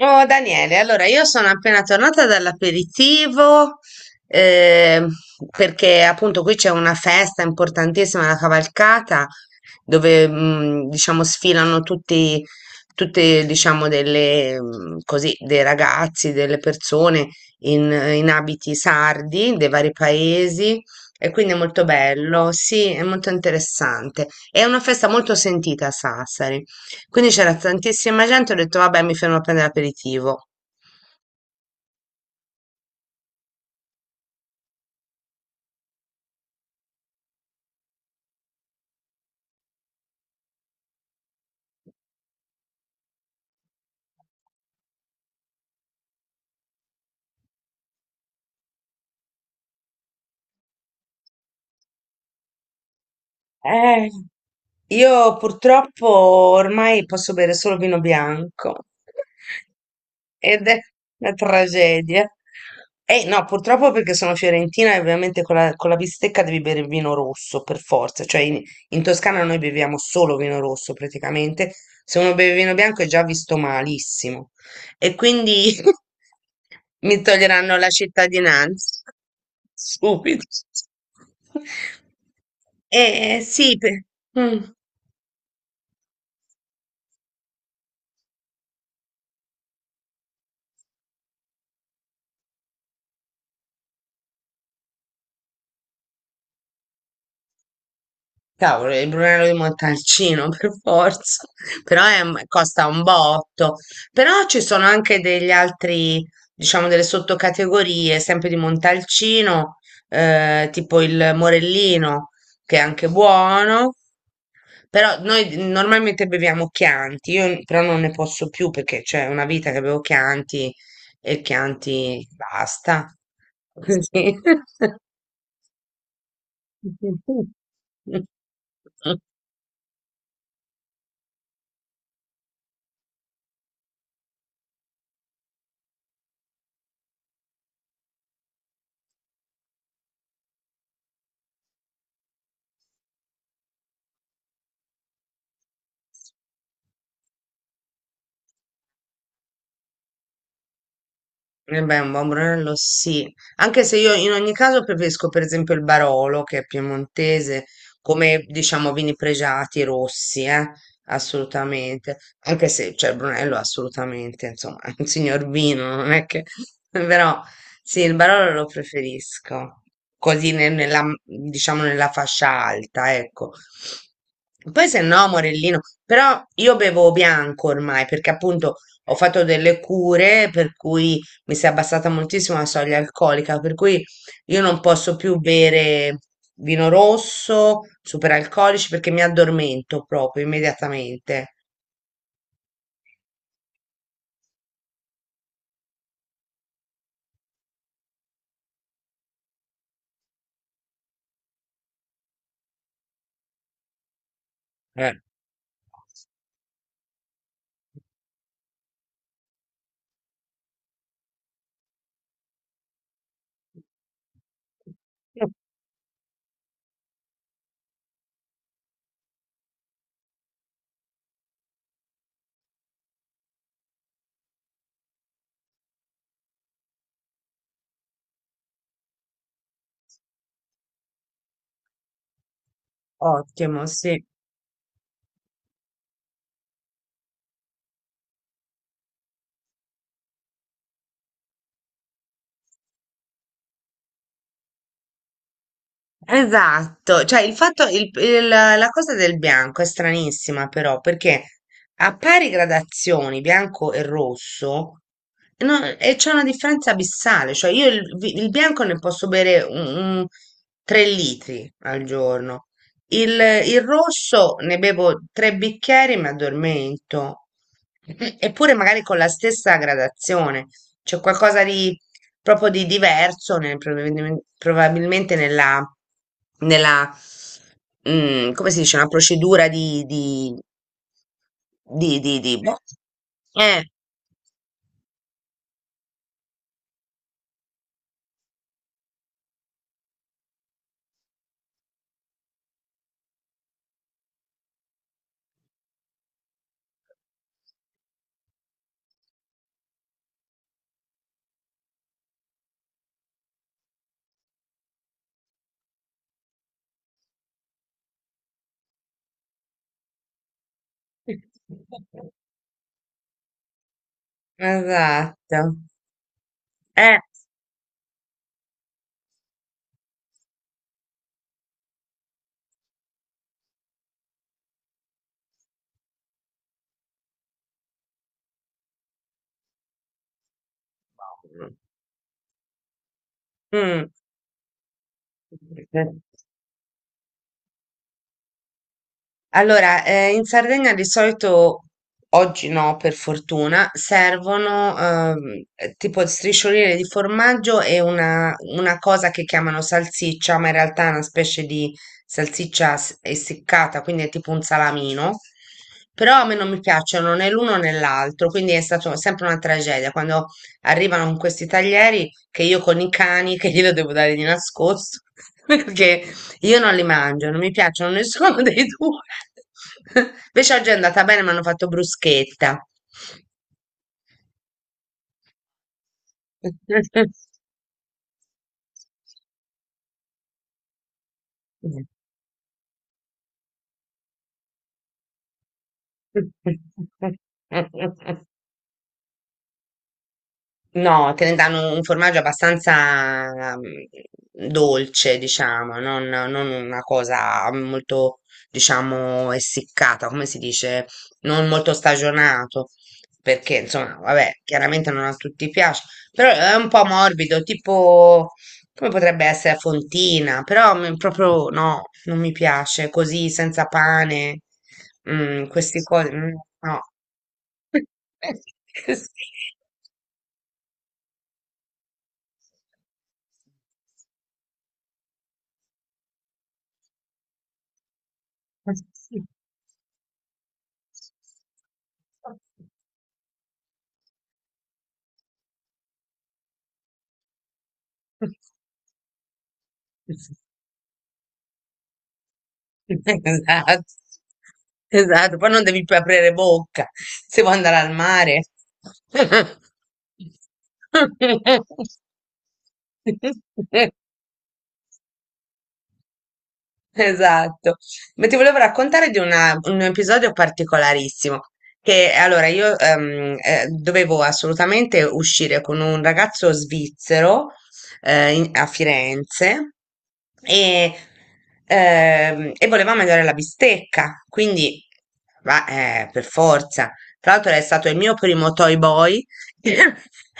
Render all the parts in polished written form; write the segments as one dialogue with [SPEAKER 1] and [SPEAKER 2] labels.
[SPEAKER 1] Oh, Daniele, allora io sono appena tornata dall'aperitivo eh, perché appunto qui c'è una festa importantissima, la cavalcata, dove diciamo sfilano tutti, tutte, diciamo, delle, così, dei ragazzi, delle persone in abiti sardi dei vari paesi e quindi è molto bello, sì, è molto interessante. È una festa molto sentita a Sassari. Quindi c'era tantissima gente, ho detto vabbè, mi fermo a prendere aperitivo. Eh, io purtroppo ormai posso bere solo vino bianco ed è una tragedia. Eh no, purtroppo perché sono fiorentina e ovviamente con la bistecca devi bere il vino rosso per forza, cioè in Toscana noi beviamo solo vino rosso praticamente, se uno beve vino bianco è già visto malissimo. E quindi mi toglieranno la cittadinanza subito. Eh sì, mm. Cavolo, il Brunello di Montalcino per forza, però costa un botto. Però ci sono anche degli altri, diciamo, delle sottocategorie, sempre di Montalcino, tipo il Morellino, che è anche buono. Però noi normalmente beviamo Chianti, io però non ne posso più perché c'è una vita che bevo Chianti e Chianti basta. Così. Eh beh, un buon Brunello sì, anche se io in ogni caso preferisco per esempio il Barolo, che è piemontese, come diciamo vini pregiati rossi, assolutamente, anche se cioè, il Brunello è assolutamente, insomma, è un signor vino, non è che... però sì, il Barolo lo preferisco, così nella, diciamo nella fascia alta, ecco. Poi se no, Morellino, però io bevo bianco ormai, perché appunto ho fatto delle cure, per cui mi si è abbassata moltissimo la soglia alcolica, per cui io non posso più bere vino rosso, superalcolici, perché mi addormento proprio immediatamente. Eh. Ottimo, sì. Esatto, cioè il fatto, la cosa del bianco è stranissima però perché a pari gradazioni bianco e rosso no, e c'è una differenza abissale, cioè io il bianco ne posso bere un 3 litri al giorno, il, il rosso ne bevo tre bicchieri e mi addormento, eppure magari con la stessa gradazione, c'è qualcosa di proprio di diverso probabilmente nella, come si dice, una procedura di boh. Eh, esatto. Eh. Mm. Allora, in Sardegna di solito, oggi no, per fortuna, servono tipo striscioline di formaggio e una cosa che chiamano salsiccia, ma in realtà è una specie di salsiccia essiccata, quindi è tipo un salamino. Però a me non mi piacciono né l'uno né l'altro, quindi è stata sempre una tragedia quando arrivano con questi taglieri che io con i cani, che glielo devo dare di nascosto, perché io non li mangio, non mi piacciono nessuno dei due. Invece oggi è andata bene, mi hanno fatto bruschetta. No, te ne danno un formaggio abbastanza dolce, diciamo, non una cosa molto, diciamo, essiccata, come si dice, non molto stagionato, perché insomma, vabbè, chiaramente non a tutti piace, però è un po' morbido, tipo come potrebbe essere a fontina, però proprio no, non mi piace così, senza pane, queste cose, no. Sì. Esatto, esatto. Poi non devi più aprire bocca se vuoi andare al mare. Esatto, ma ti volevo raccontare di un episodio particolarissimo, che allora io dovevo assolutamente uscire con un ragazzo svizzero a Firenze e, e voleva mangiare la bistecca, quindi per forza. Tra l'altro è stato il mio primo toy boy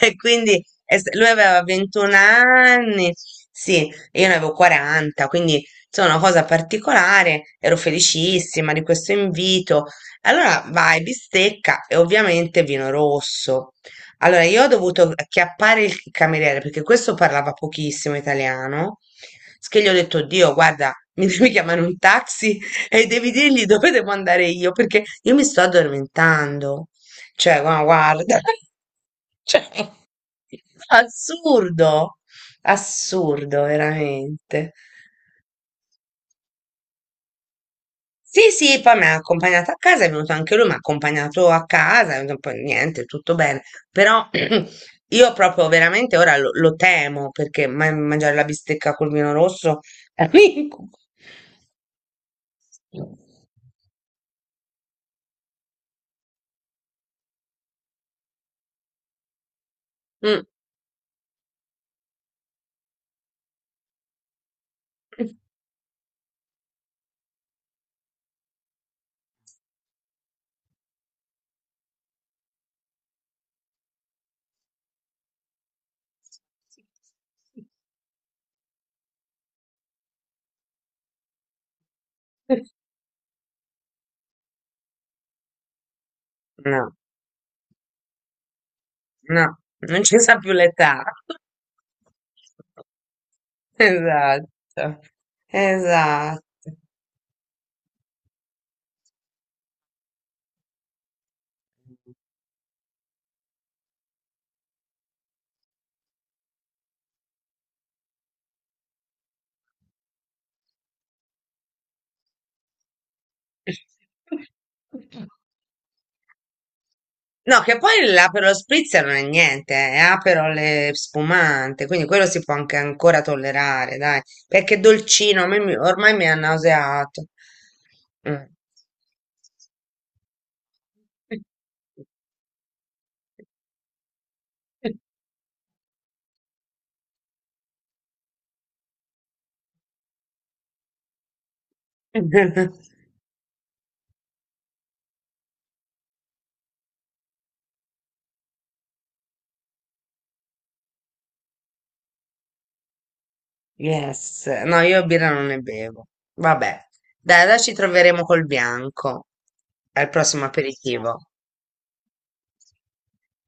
[SPEAKER 1] e quindi è lui aveva 21 anni, sì, e io ne avevo 40, quindi insomma, una cosa particolare, ero felicissima di questo invito. Allora vai, bistecca e ovviamente vino rosso. Allora io ho dovuto acchiappare il cameriere perché questo parlava pochissimo italiano. S Che gli ho detto, Dio, guarda, mi devi chiamare un taxi e devi dirgli dove devo andare io perché io mi sto addormentando. Cioè, ma guarda, cioè, assurdo, assurdo veramente. Sì, sì, poi mi ha accompagnato a casa, è venuto anche lui, mi ha accompagnato a casa, e poi niente, tutto bene. Però io proprio veramente ora lo temo perché mangiare la bistecca col vino rosso è un incubo. Mm. No, no, non ci sa più l'età. Esatto, esatto. No, che poi l'Aperol Spritz non è niente, è Aperol e spumante, quindi quello si può anche ancora tollerare, dai, perché dolcino, a me ormai mi ha nauseato. Mm. Yes, no, io birra non ne bevo. Vabbè, dai, adesso ci troveremo col bianco al prossimo aperitivo.